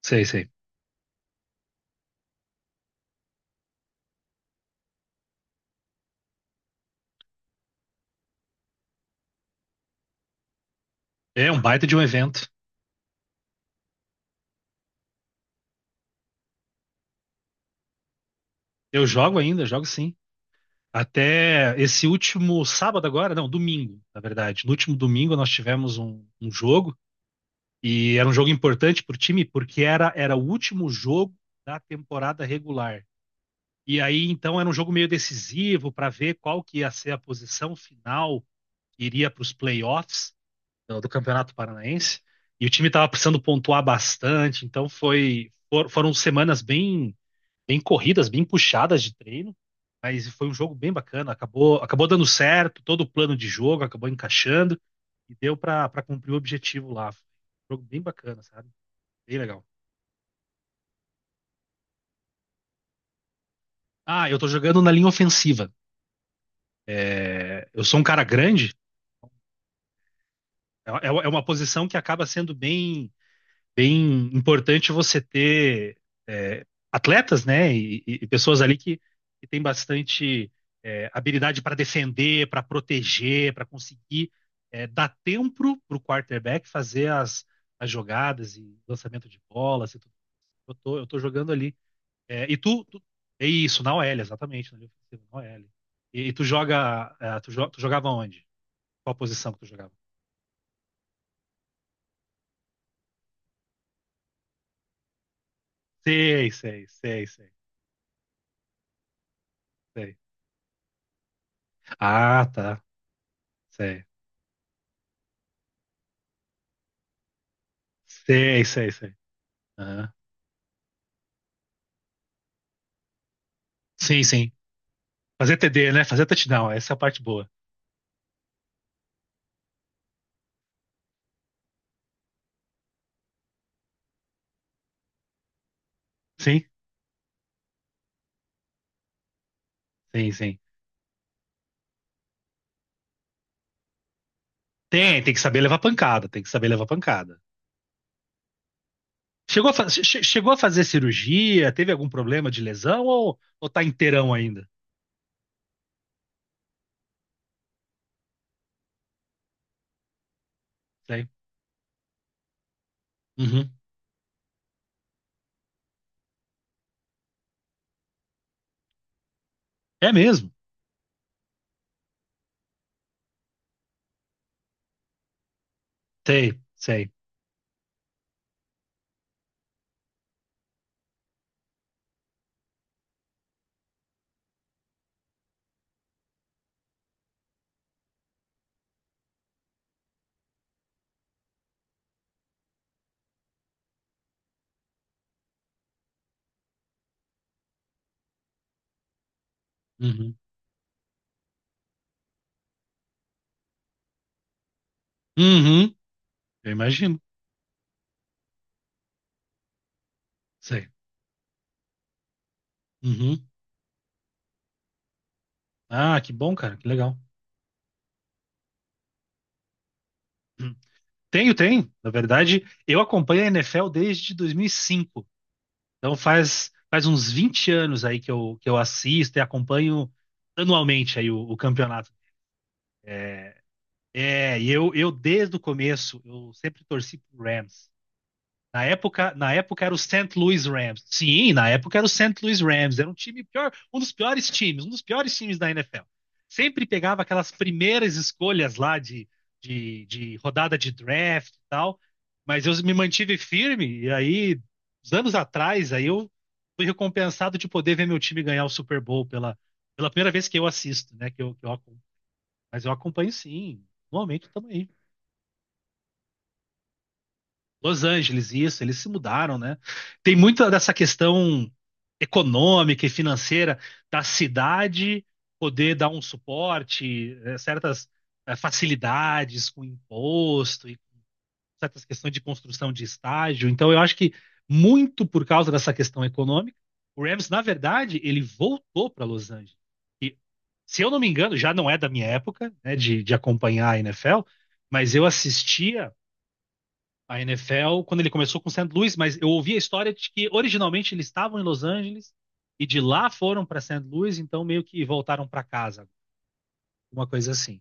Sei, sei. É um baita de um evento. Eu jogo ainda, jogo sim. Até esse último sábado agora, não, domingo, na verdade. No último domingo nós tivemos um jogo, e era um jogo importante pro time porque era o último jogo da temporada regular. E aí então era um jogo meio decisivo para ver qual que ia ser a posição final que iria para os playoffs do Campeonato Paranaense. E o time estava precisando pontuar bastante, então foram semanas bem corridas, bem puxadas de treino, mas foi um jogo bem bacana. Acabou dando certo, todo o plano de jogo acabou encaixando e deu pra para cumprir o objetivo lá. Foi um jogo bem bacana, sabe? Bem legal. Ah, eu tô jogando na linha ofensiva. Eu sou um cara grande, é uma posição que acaba sendo bem importante você ter, é, atletas, né, e pessoas ali que têm bastante, habilidade para defender, para proteger, para conseguir, dar tempo para o quarterback fazer as jogadas e lançamento de bolas e tudo. Eu tô jogando ali. É, e tu, tu- É isso, na OL, exatamente, na linha ofensiva, na OL. E tu joga, é, tu, jo- tu jogava onde? Qual a posição que tu jogava? Sei, sei, sei, sei, sei. Ah, tá. Sei. Sei, sei, sei. Aham. Sim, sim. Fazer TD, né? Fazer touchdown, essa é a parte boa. Sim, sim, sim. Tem que saber levar pancada, tem que saber levar pancada. Chegou a fazer cirurgia? Teve algum problema de lesão, ou tá inteirão ainda? Sei. Uhum. É mesmo? Sei, sei. Uhum. Uhum. Eu imagino. Sei. Uhum. Ah, que bom, cara, que legal. Hum. Tenho, tenho. Na verdade, eu acompanho a NFL desde 2005. Então faz uns 20 anos aí que eu assisto e acompanho anualmente aí o campeonato. É, e eu desde o começo, eu sempre torci pro Rams. Na época era o Saint Louis Rams. Sim, na época era o Saint Louis Rams. Era um time pior, um dos piores times, um dos piores times da NFL. Sempre pegava aquelas primeiras escolhas lá de rodada de draft e tal. Mas eu me mantive firme, e aí, uns anos atrás, aí eu fui recompensado de poder ver meu time ganhar o Super Bowl pela primeira vez que eu assisto, né? Que eu Mas eu acompanho, sim. Normalmente, também Los Angeles, isso, eles se mudaram, né? Tem muita dessa questão econômica e financeira da cidade poder dar um suporte, certas, facilidades com imposto e certas questões de construção de estágio. Então, eu acho que muito por causa dessa questão econômica, o Rams, na verdade, ele voltou para Los Angeles. E, se eu não me engano, já não é da minha época, né, de acompanhar a NFL, mas eu assistia a NFL quando ele começou com o St. Louis, mas eu ouvi a história de que originalmente eles estavam em Los Angeles e de lá foram para St. Louis, então meio que voltaram para casa, uma coisa assim.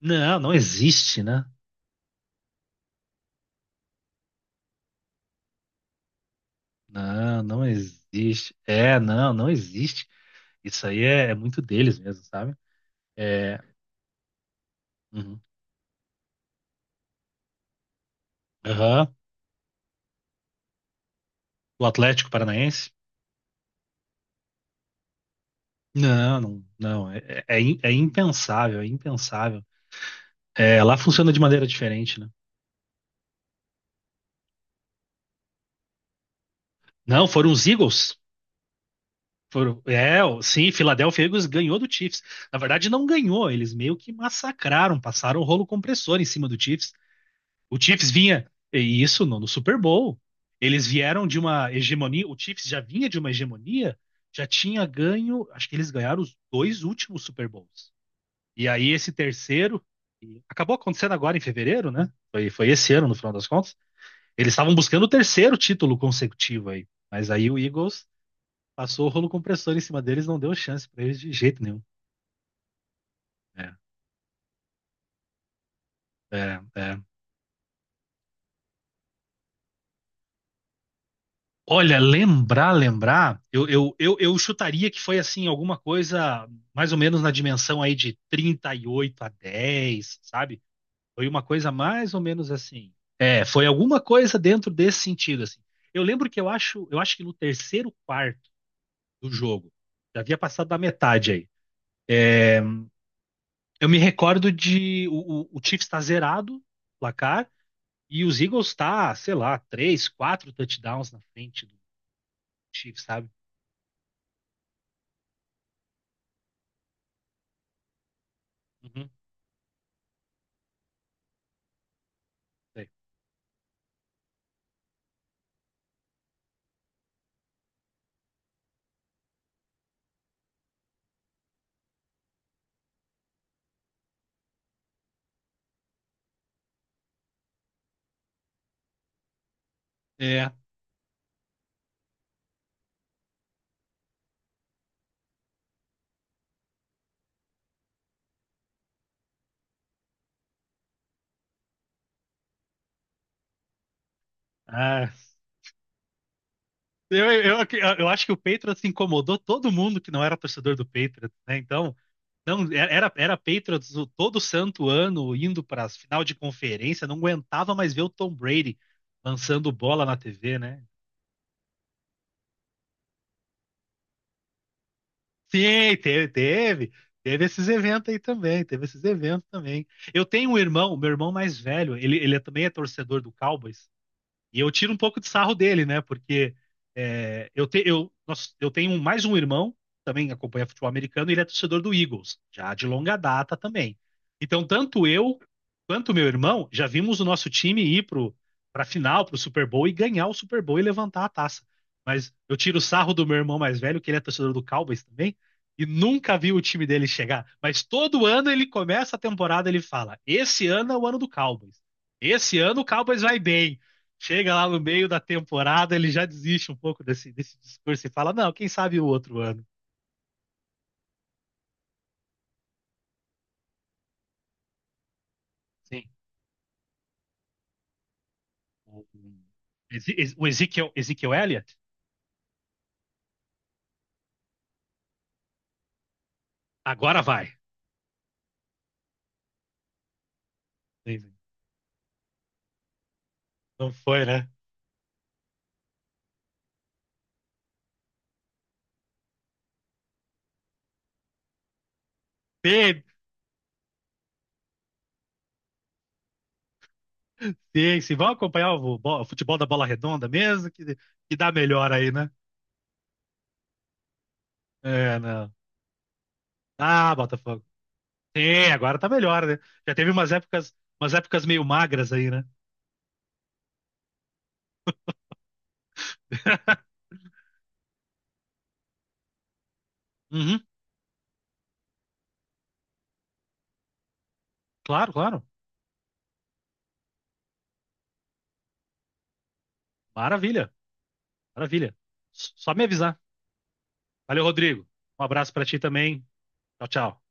Não, não existe, né? Não, não existe. É, não, não existe. Isso aí é muito deles mesmo, sabe? É, uhum. Aham. O Atlético Paranaense? Não, não, não. É impensável, é impensável. É, lá funciona de maneira diferente, né? Não, foram os Eagles. Sim, Philadelphia Eagles ganhou do Chiefs. Na verdade, não ganhou, eles meio que massacraram, passaram o rolo compressor em cima do Chiefs. O Chiefs vinha, e isso no Super Bowl. Eles vieram de uma hegemonia, o Chiefs já vinha de uma hegemonia, já tinha ganho, acho que eles ganharam os dois últimos Super Bowls. E aí esse terceiro, e acabou acontecendo agora em fevereiro, né? Foi esse ano, no final das contas. Eles estavam buscando o terceiro título consecutivo aí. Mas aí o Eagles passou o rolo compressor em cima deles, não deu chance pra eles de jeito nenhum. É, é, é. Olha, eu chutaria que foi assim, alguma coisa mais ou menos na dimensão aí de 38-10, sabe? Foi uma coisa mais ou menos assim. É, foi alguma coisa dentro desse sentido, assim. Eu lembro que eu acho que no terceiro quarto do jogo já havia passado da metade aí. Eu me recordo de o Chiefs estar zerado, placar, e os Eagles tá, sei lá, três, quatro touchdowns na frente do Chiefs, sabe? Uhum. É. É. Ah, eu, eu, eu acho que o Patriots incomodou todo mundo que não era torcedor do Patriots, né? Então, não, era Patriots, todo santo ano indo para final de conferência, não aguentava mais ver o Tom Brady lançando bola na TV, né? Sim, teve, teve. Teve esses eventos aí também, teve esses eventos também. Eu tenho um irmão, meu irmão mais velho, também é torcedor do Cowboys, e eu tiro um pouco de sarro dele, né? Porque é, eu, te- eu, nós- eu tenho mais um irmão, também acompanha futebol americano, e ele é torcedor do Eagles, já de longa data também. Então, tanto eu quanto meu irmão já vimos o nosso time ir pra final, pro Super Bowl, e ganhar o Super Bowl e levantar a taça. Mas eu tiro o sarro do meu irmão mais velho, que ele é torcedor do Cowboys também, e nunca vi o time dele chegar. Mas todo ano ele começa a temporada, ele fala: Esse ano é o ano do Cowboys. Esse ano o Cowboys vai bem. Chega lá no meio da temporada, ele já desiste um pouco desse discurso e fala: não, quem sabe o outro ano. Sim. O Eze- o Ezekiel, Ezekiel Elliott? Agora vai. Não foi, né? Paciência. Vão acompanhar o futebol da bola redonda mesmo, que, dá melhor aí, né? É, não. Ah, Botafogo. Sim, agora tá melhor, né? Já teve umas épocas meio magras aí, né? Uhum, claro, claro. Maravilha, maravilha. Só me avisar. Valeu, Rodrigo. Um abraço para ti também. Tchau, tchau.